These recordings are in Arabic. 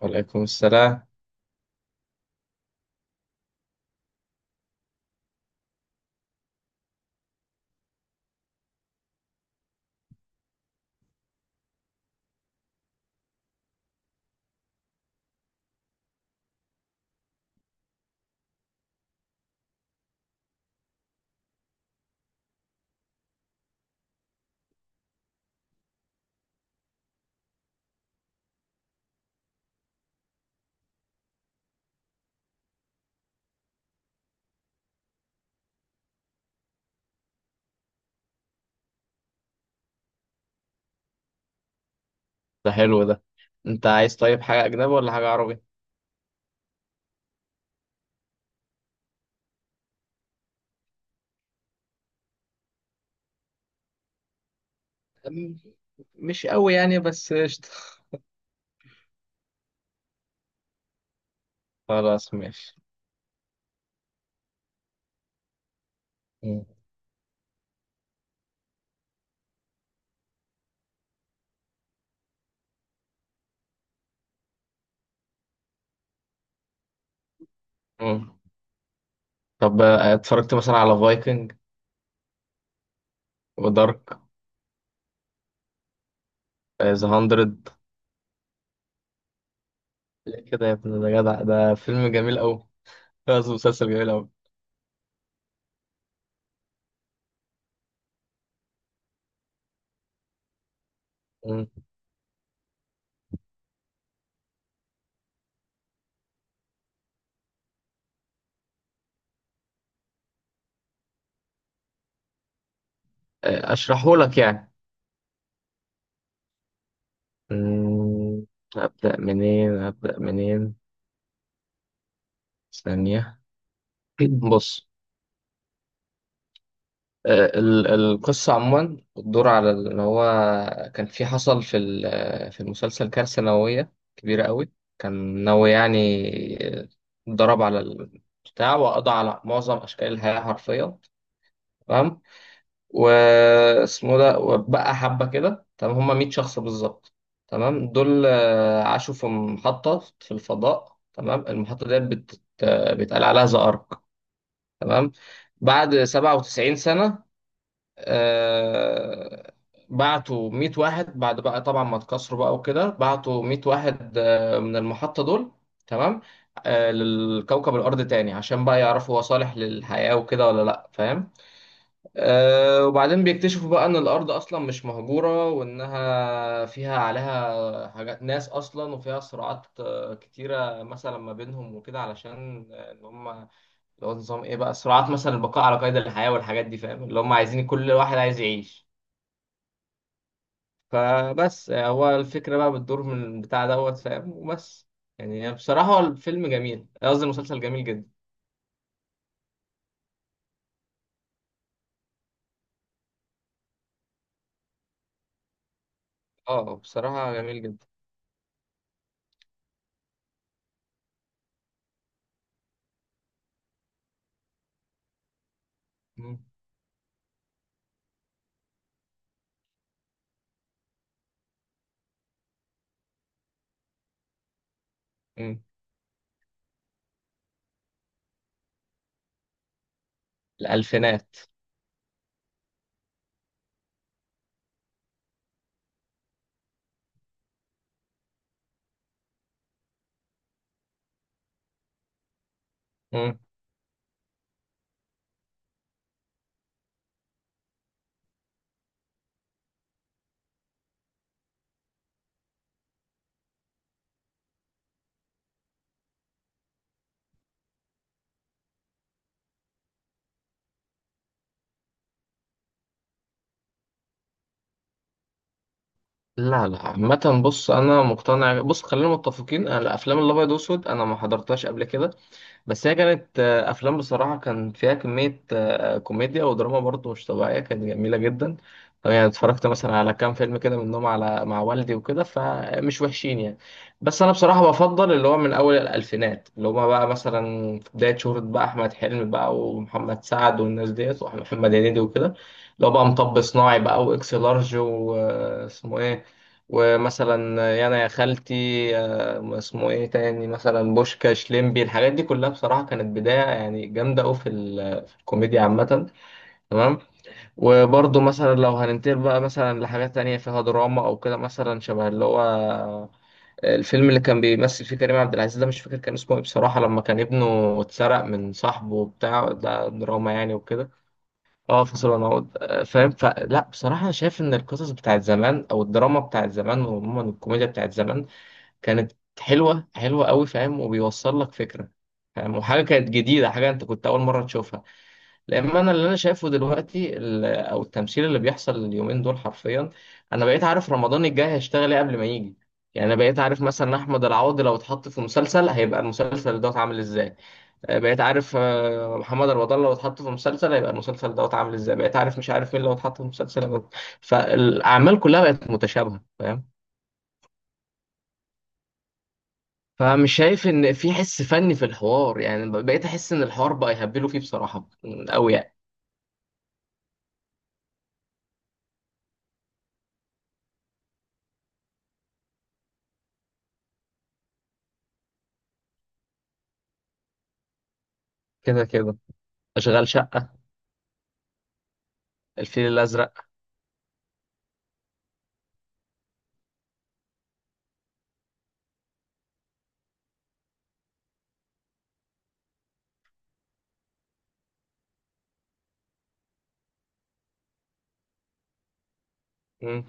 وعليكم السلام. ده حلو ده. انت عايز طيب حاجة أجنبي ولا حاجة عربي؟ أم- مش قوي يعني، بس قشطة. خلاص ماشي. مم. مم. طب، اتفرجت مثلا على فايكنج ودارك. ذا هاندرد. ليه كده يا ابن؟ ده جدع، ده فيلم جميل أوي، قصدي مسلسل جميل أوي. مم. أشرحه لك يعني. مم. أبدأ منين؟ أبدأ منين؟ ثانية. بص. آه، القصة عموما بتدور على إن هو كان في، حصل في المسلسل كارثة نووية كبيرة قوي، كان نووي يعني، ضرب على البتاع وقضى على معظم أشكال الحياة حرفيا. تمام. واسمه ده، وبقى حبة كده، تمام، هما 100 شخص بالظبط. تمام، دول عاشوا في محطة في الفضاء. تمام، المحطة ديت بيتقال عليها زئرق. تمام، بعد 97 سنة آه، بعتوا 100 واحد. بعد بقى طبعا ما اتكسروا بقى وكده، بعتوا 100 واحد من المحطة دول. تمام. للكوكب الأرض تاني، عشان بقى يعرفوا هو صالح للحياة وكده ولا لأ، فاهم؟ وبعدين بيكتشفوا بقى إن الأرض أصلا مش مهجورة، وإنها فيها، عليها حاجات ناس أصلا، وفيها صراعات كتيرة مثلا ما بينهم وكده، علشان إن هم اللي هو نظام إيه، بقى صراعات مثلا البقاء على قيد الحياة والحاجات دي، فاهم؟ اللي هم عايزين كل واحد عايز يعيش. فبس، هو الفكرة بقى بتدور من البتاع دوت، فاهم؟ وبس. يعني بصراحة هو الفيلم جميل، قصدي المسلسل جميل جدا. اه بصراحة جميل جدا. مم. مم. الألفينات. مم. لا، لا. عامة بص أنا مقتنع، بص خلينا متفقين، أنا الأفلام الأبيض وأسود أنا ما حضرتهاش قبل كده. بس هي كانت افلام بصراحه كان فيها كميه كوميديا ودراما برضه مش طبيعيه، كانت جميله جدا. طبعا يعني اتفرجت مثلا على كام فيلم كده منهم، على مع والدي وكده، فمش وحشين يعني. بس انا بصراحه بفضل اللي هو من اول الالفينات، اللي هما بقى مثلا في بدايه شهره بقى احمد حلمي بقى ومحمد سعد والناس ديت ومحمد هنيدي وكده، اللي هو بقى مطب صناعي بقى واكس لارج واسمه ايه، ومثلا يانا يا خالتي، اسمه ايه تاني، مثلا بوشكاش، ليمبي، الحاجات دي كلها بصراحة كانت بداية يعني جامدة أوي في الكوميديا عامة. تمام. وبرضه مثلا لو هننتقل بقى مثلا لحاجات تانية فيها دراما أو كده، مثلا شبه اللي هو الفيلم اللي كان بيمثل فيه كريم عبد العزيز ده، مش فاكر كان اسمه ايه بصراحة، لما كان ابنه اتسرق من صاحبه وبتاع ده، دراما يعني وكده. اه، فصل ونعود، فاهم. فلا بصراحة أنا شايف إن القصص بتاعت زمان أو الدراما بتاعت زمان وعموما الكوميديا بتاعت زمان كانت حلوه، حلوه قوي، فاهم؟ وبيوصل لك فكره، فاهم؟ وحاجه كانت جديده، حاجه انت كنت اول مره تشوفها. لان انا، اللي انا شايفه دلوقتي ال- او التمثيل اللي بيحصل اليومين دول حرفيا، انا بقيت عارف رمضان الجاي هيشتغل ايه قبل ما يجي. يعني انا بقيت عارف مثلا احمد العوضي لو اتحط في مسلسل هيبقى المسلسل دوت عامل ازاي. بقيت عارف محمد رمضان لو اتحط في مسلسل هيبقى المسلسل دوت عامل ازاي. بقيت عارف مش عارف مين لو اتحط في مسلسل هيبقى-. فالاعمال كلها بقت متشابهه، فاهم. فمش شايف ان في حس فني في الحوار يعني، بقيت احس ان الحوار بقى يهبلوا فيه بصراحه قوي يعني. كده كده. اشغال شقه. الفيل الازرق. مم.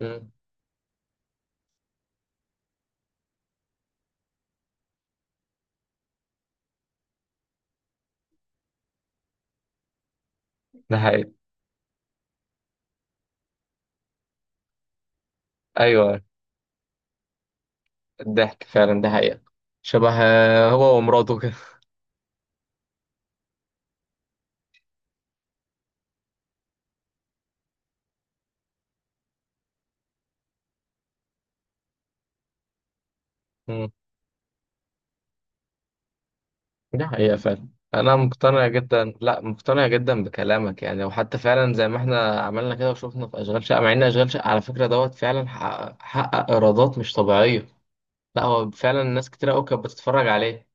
مم. ده حقيقي. ايوه. الضحك فعلا ده حقيقه. شبه هو ومراته كده. مم. ده حقيقه فعلا. انا مقتنع جدا، لا مقتنع جدا بكلامك يعني، وحتى فعلا زي ما احنا عملنا كده وشفنا في اشغال شقه، مع ان اشغال شقه على فكره دوت فعلا حقق ايرادات مش طبيعيه. لا هو فعلا ناس كتير قوي كانت بتتفرج عليه.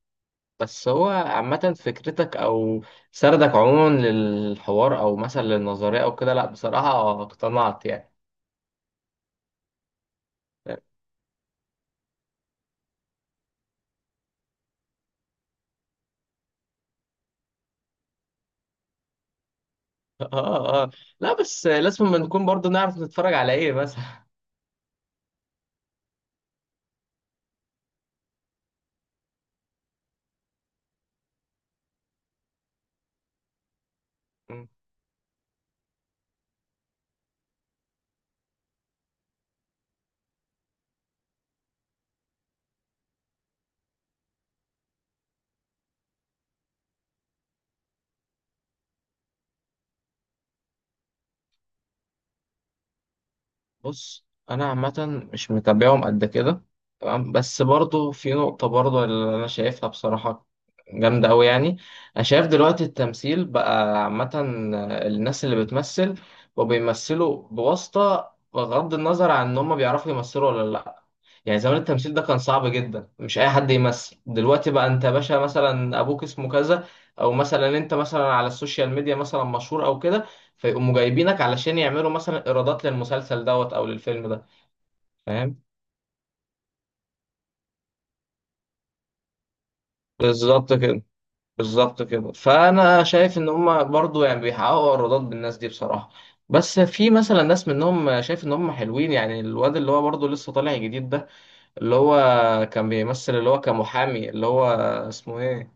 بس هو عامة فكرتك أو سردك عموما للحوار أو مثلا للنظرية أو كده، لأ بصراحة اقتنعت يعني. آه آه. لا، بس لازم ما نكون برضو نعرف نتفرج على إيه مثلا. مم. بص، أنا عامة مش متابعهم قد كده. تمام، بس برضو في نقطة برضو اللي أنا شايفها بصراحة جامدة أوي يعني. أنا شايف دلوقتي التمثيل بقى عامة، الناس اللي بتمثل وبيمثلوا بواسطة، بغض النظر عن إن هما بيعرفوا يمثلوا ولا لأ. يعني زمان التمثيل ده كان صعب جدا، مش اي حد يمثل. دلوقتي بقى انت يا باشا مثلا ابوك اسمه كذا، او مثلا انت مثلا على السوشيال ميديا مثلا مشهور او كده، فيقوموا جايبينك علشان يعملوا مثلا ايرادات للمسلسل دوت او للفيلم ده، فاهم. بالظبط كده. بالظبط كده. فانا شايف ان هم برضو يعني بيحققوا ايرادات بالناس دي بصراحة. بس في مثلا ناس منهم شايف ان هم حلوين يعني، الواد اللي هو برضو لسه طالع جديد ده، اللي هو كان بيمثل اللي هو كمحامي، اللي هو اسمه ايه.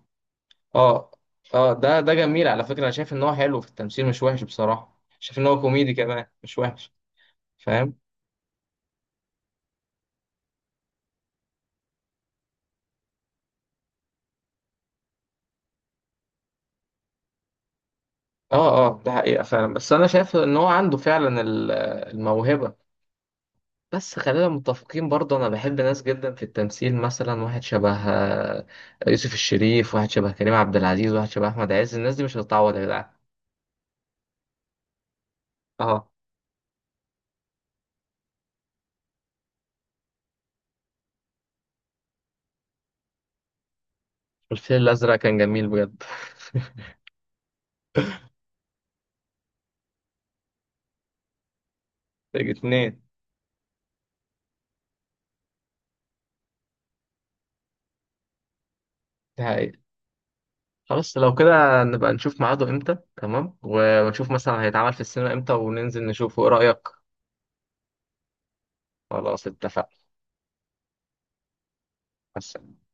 اه. اه، ده جميل على فكرة، انا شايف ان هو حلو في التمثيل مش وحش، بصراحة شايف ان هو كوميدي كمان مش وحش، فاهم. اه اه، ده حقيقة فعلا، بس انا شايف ان هو عنده فعلا الموهبة. بس خلينا متفقين برضه، انا بحب ناس جدا في التمثيل، مثلا واحد شبه يوسف الشريف، واحد شبه كريم عبد العزيز، واحد شبه احمد عز، الناس دي مش هتتعوض يا جدعان. اه، الفيل الازرق كان جميل بجد. الاتنين. ده حقيقة. خلاص لو كده نبقى نشوف ميعاده امتى، تمام، ونشوف مثلا هيتعمل في السينما امتى وننزل نشوفه، ايه رأيك؟ خلاص اتفقنا. بس